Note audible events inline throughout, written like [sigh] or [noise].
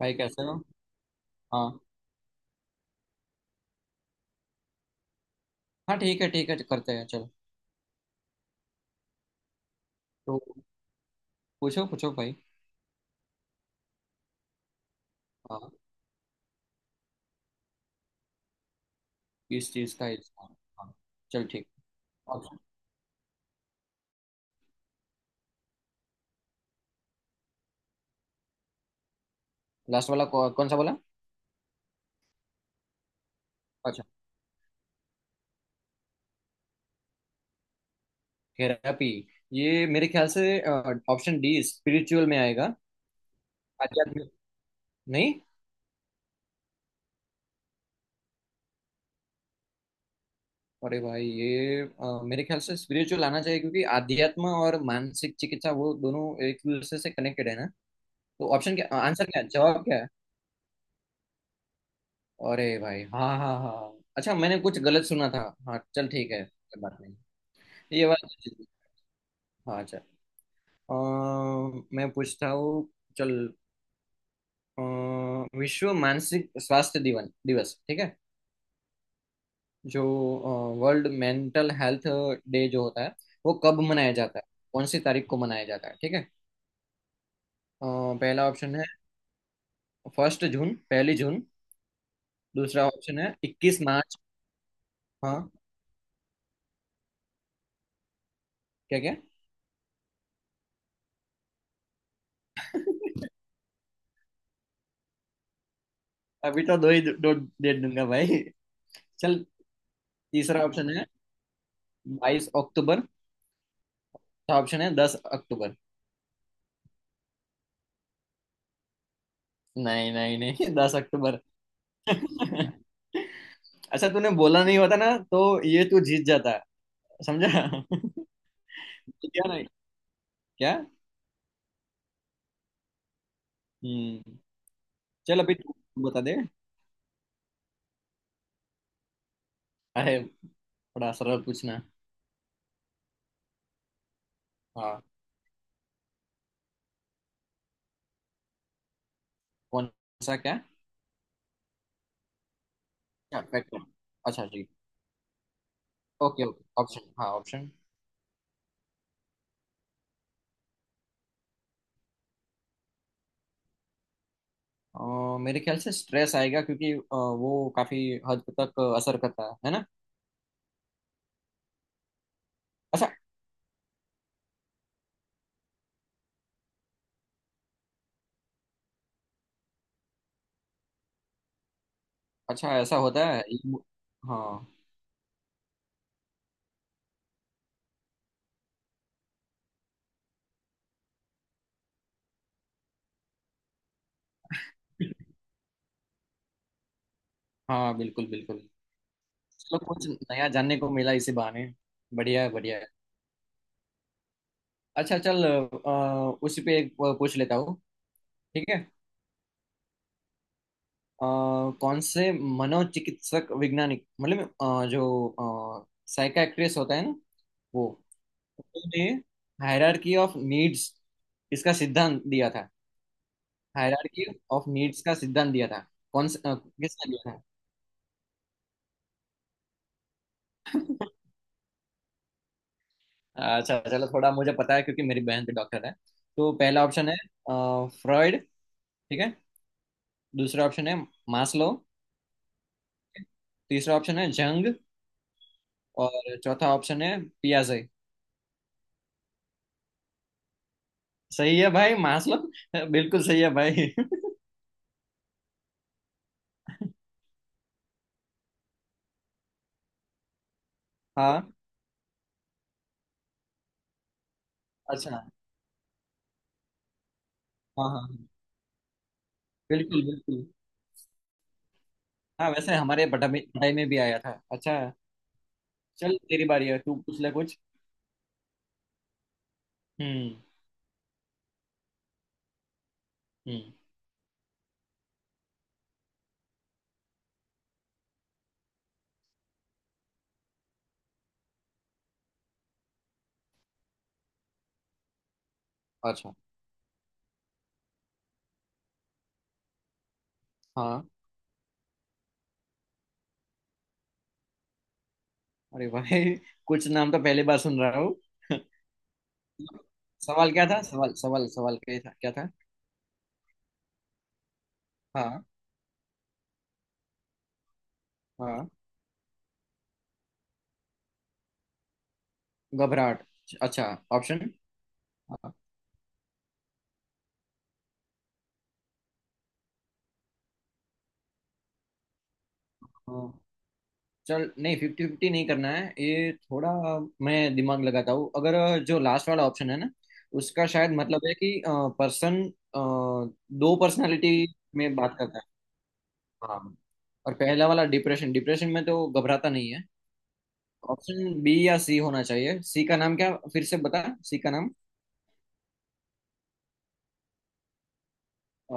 भाई, कैसे हो? हाँ। हाँ, ठीक है ठीक है, करते हैं चलो। तो पूछो पूछो भाई। हाँ। किस चीज़ का इल्जाम? हाँ चल ठीक। लास्ट वाला कौन सा बोला? अच्छा। थेरेपी, ये मेरे ख्याल से ऑप्शन डी स्पिरिचुअल में आएगा। आध्यात्मिक। नहीं। अरे भाई, ये मेरे ख्याल से स्पिरिचुअल आना चाहिए क्योंकि आध्यात्म और मानसिक चिकित्सा वो दोनों एक दूसरे से कनेक्टेड है ना। तो ऑप्शन क्या? आंसर क्या है? जवाब क्या है? अरे भाई हाँ हाँ हाँ, अच्छा मैंने कुछ गलत सुना था। हाँ चल ठीक है, कोई बात नहीं। ये बात तो ठीक है। हाँ चल। अ, मैं पूछता हूँ चल। अ, विश्व मानसिक स्वास्थ्य दिवन दिवस, ठीक है? जो वर्ल्ड मेंटल हेल्थ डे जो होता है, वो कब मनाया जाता है? कौन सी तारीख को मनाया जाता है, ठीक है? अ, पहला ऑप्शन है 1 जून, 1 जून। दूसरा ऑप्शन है 21 मार्च। हाँ। क्या क्या। [laughs] अभी तो दो ही दो डेट दूंगा भाई। चल, तीसरा ऑप्शन है 22 अक्टूबर। चौथा ऑप्शन है 10 अक्टूबर। नहीं नहीं नहीं। [laughs] 10 अक्टूबर। [laughs] अच्छा, तूने बोला नहीं होता ना, तो ये तू जीत जाता, समझा। [laughs] क्या? नहीं। क्या? हम्म। चल अभी तू बता दे। अरे, बड़ा सरल पूछना। हाँ। कौन सा? क्या? क्या फैक्टर? अच्छा जी। ओके ओके, ऑप्शन, हाँ ऑप्शन। मेरे ख्याल से स्ट्रेस आएगा क्योंकि वो काफी हद तक असर करता है ना? अच्छा। अच्छा ऐसा होता है? हाँ। [laughs] हाँ बिल्कुल बिल्कुल। चलो कुछ नया जानने को मिला इसी बहाने। बढ़िया है बढ़िया है। अच्छा चल, उसी पे एक पूछ लेता हूँ, ठीक है? अ, कौन से मनोचिकित्सक वैज्ञानिक, मतलब जो साइकाट्रिस्ट होता है ना, वो, उन्होंने हायरार्की ऑफ नीड्स, इसका सिद्धांत दिया था। हायरार्की ऑफ नीड्स का सिद्धांत दिया था। कौन से किसने दिया था? [laughs] अच्छा, चलो थोड़ा मुझे पता है क्योंकि मेरी बहन भी डॉक्टर है। तो पहला ऑप्शन है फ्रॉइड, ठीक है। दूसरा ऑप्शन है मास्लो। तीसरा ऑप्शन है जंग। और चौथा ऑप्शन है पियाजे। सही है भाई मास्लो। [laughs] बिल्कुल सही है भाई। [laughs] हाँ। अच्छा हाँ। हाँ हाँ, बिल्कुल बिल्कुल। हाँ वैसे हमारे पढ़ाई में भी आया था। अच्छा चल, तेरी बारी है, तू पूछ ले कुछ। हम्म। हम्म। अच्छा। हाँ। अरे भाई, कुछ नाम तो पहली बार सुन रहा हूँ। [laughs] सवाल क्या था? हाँ हाँ। घबराहट? अच्छा ऑप्शन। हाँ, हाँ। चल, नहीं फिफ्टी फिफ्टी नहीं करना है ये थोड़ा। मैं दिमाग लगाता हूँ। अगर जो लास्ट वाला ऑप्शन है ना, उसका शायद मतलब है कि पर्सन दो पर्सनालिटी में बात करता है। हाँ। और पहला वाला डिप्रेशन, डिप्रेशन में तो घबराता नहीं है। ऑप्शन बी या सी होना चाहिए। सी का नाम क्या? फिर से बता, सी का नाम।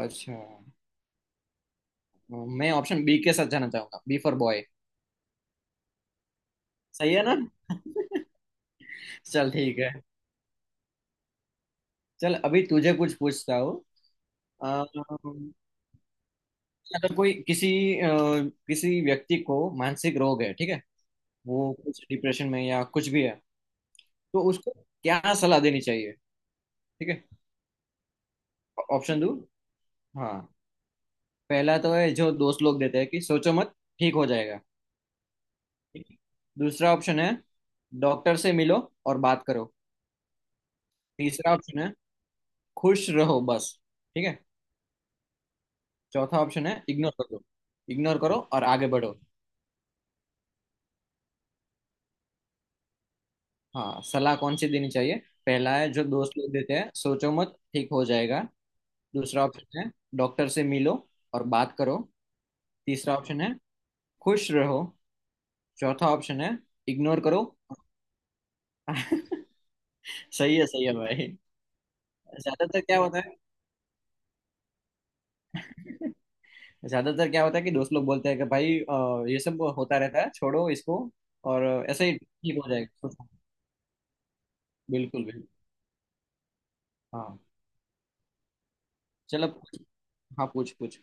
अच्छा। मैं ऑप्शन बी के साथ जाना चाहूंगा, बी फॉर बॉय। सही है ना? [laughs] चल ठीक है। चल, अभी तुझे कुछ पूछता हूँ। अगर कोई किसी अ, किसी व्यक्ति को मानसिक रोग है, ठीक है। वो कुछ डिप्रेशन में या कुछ भी है, तो उसको क्या सलाह देनी चाहिए, ठीक है? ऑप्शन दो। हाँ। पहला तो है जो दोस्त लोग देते हैं कि सोचो मत, ठीक हो जाएगा, ठीक है। दूसरा ऑप्शन है डॉक्टर से मिलो और बात करो। तीसरा ऑप्शन है खुश रहो बस, ठीक है। चौथा ऑप्शन है इग्नोर कर दो, इग्नोर करो और आगे बढ़ो। हाँ, सलाह कौन सी देनी चाहिए? पहला है जो दोस्त लोग देते हैं, सोचो मत ठीक हो जाएगा। दूसरा ऑप्शन है डॉक्टर से मिलो और बात करो। तीसरा ऑप्शन है खुश रहो। चौथा ऑप्शन है इग्नोर करो। [laughs] सही है भाई। ज्यादातर क्या होता है? [laughs] ज्यादातर क्या होता है कि दोस्त लोग बोलते हैं कि भाई ये सब होता रहता है, छोड़ो इसको और ऐसे ही ठीक हो जाएगा। बिल्कुल बिल्कुल। हाँ चलो हाँ पूछ पूछ।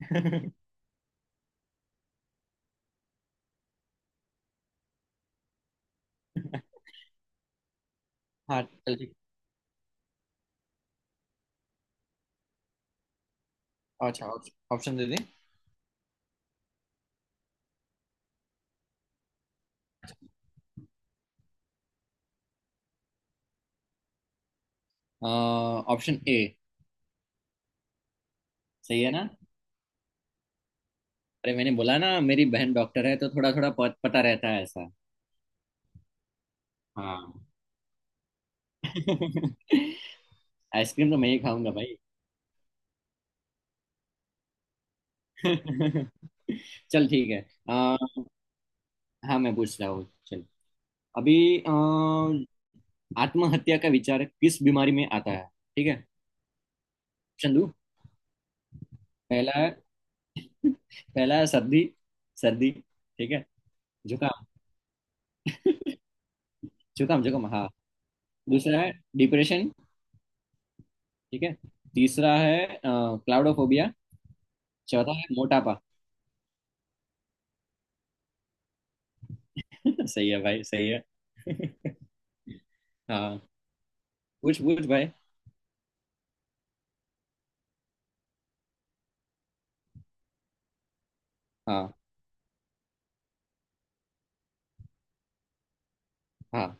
[laughs] हाँ चल ठीक। अच्छा, ऑप्शन दे दे। Option A. सही है ना? अरे मैंने बोला ना मेरी बहन डॉक्टर है, तो थोड़ा थोड़ा पता रहता है। हाँ। [laughs] आइसक्रीम तो मैं ही खाऊंगा भाई। [laughs] चल ठीक है। आ, हाँ मैं पूछ रहा हूँ चल। अभी अ, आत्महत्या का विचार किस बीमारी में आता है, ठीक है? चंदू। पहला है [laughs] पहला है सर्दी, सर्दी, ठीक है। जुकाम, जुकाम, जुकाम हाँ। दूसरा है डिप्रेशन, ठीक है। तीसरा है क्लाउडोफोबिया। चौथा है मोटापा। [laughs] सही है भाई सही है। [laughs] हाँ पूछ पूछ भाई। हाँ। हाँ,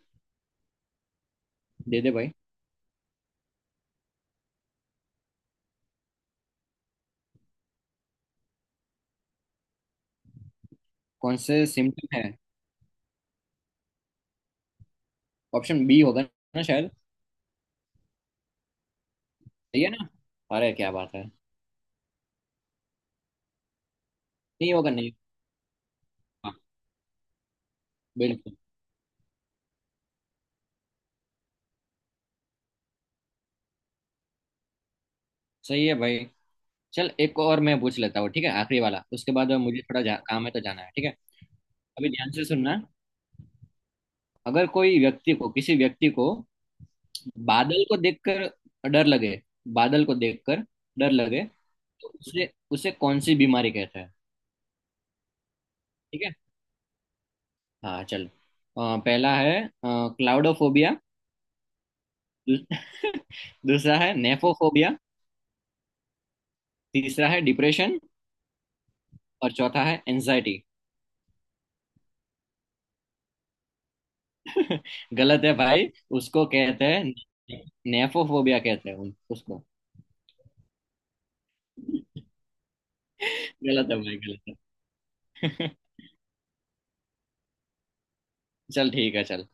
दे दे भाई। कौन से सिम्टम है? ऑप्शन बी होगा ना शायद। सही है ना? अरे क्या बात है। नहीं होगा। नहीं होगा। हाँ बिल्कुल। सही है भाई। चल, एक और मैं पूछ लेता हूँ, ठीक है? आखिरी वाला। उसके बाद मुझे थोड़ा काम है तो जाना है, ठीक है। अभी ध्यान से सुनना। अगर कोई व्यक्ति को किसी व्यक्ति को बादल को देखकर डर लगे, बादल को देखकर डर लगे, तो उसे उसे कौन सी बीमारी कहते हैं, ठीक है? हाँ चल, पहला है क्लाउडोफोबिया। [laughs] दूसरा है नेफोफोबिया। तीसरा है डिप्रेशन। और चौथा है एंजाइटी। [laughs] गलत है भाई, उसको कहते हैं, नेफोफोबिया कहते हैं उसको। [laughs] गलत है भाई गलत है। [laughs] चल ठीक है चल।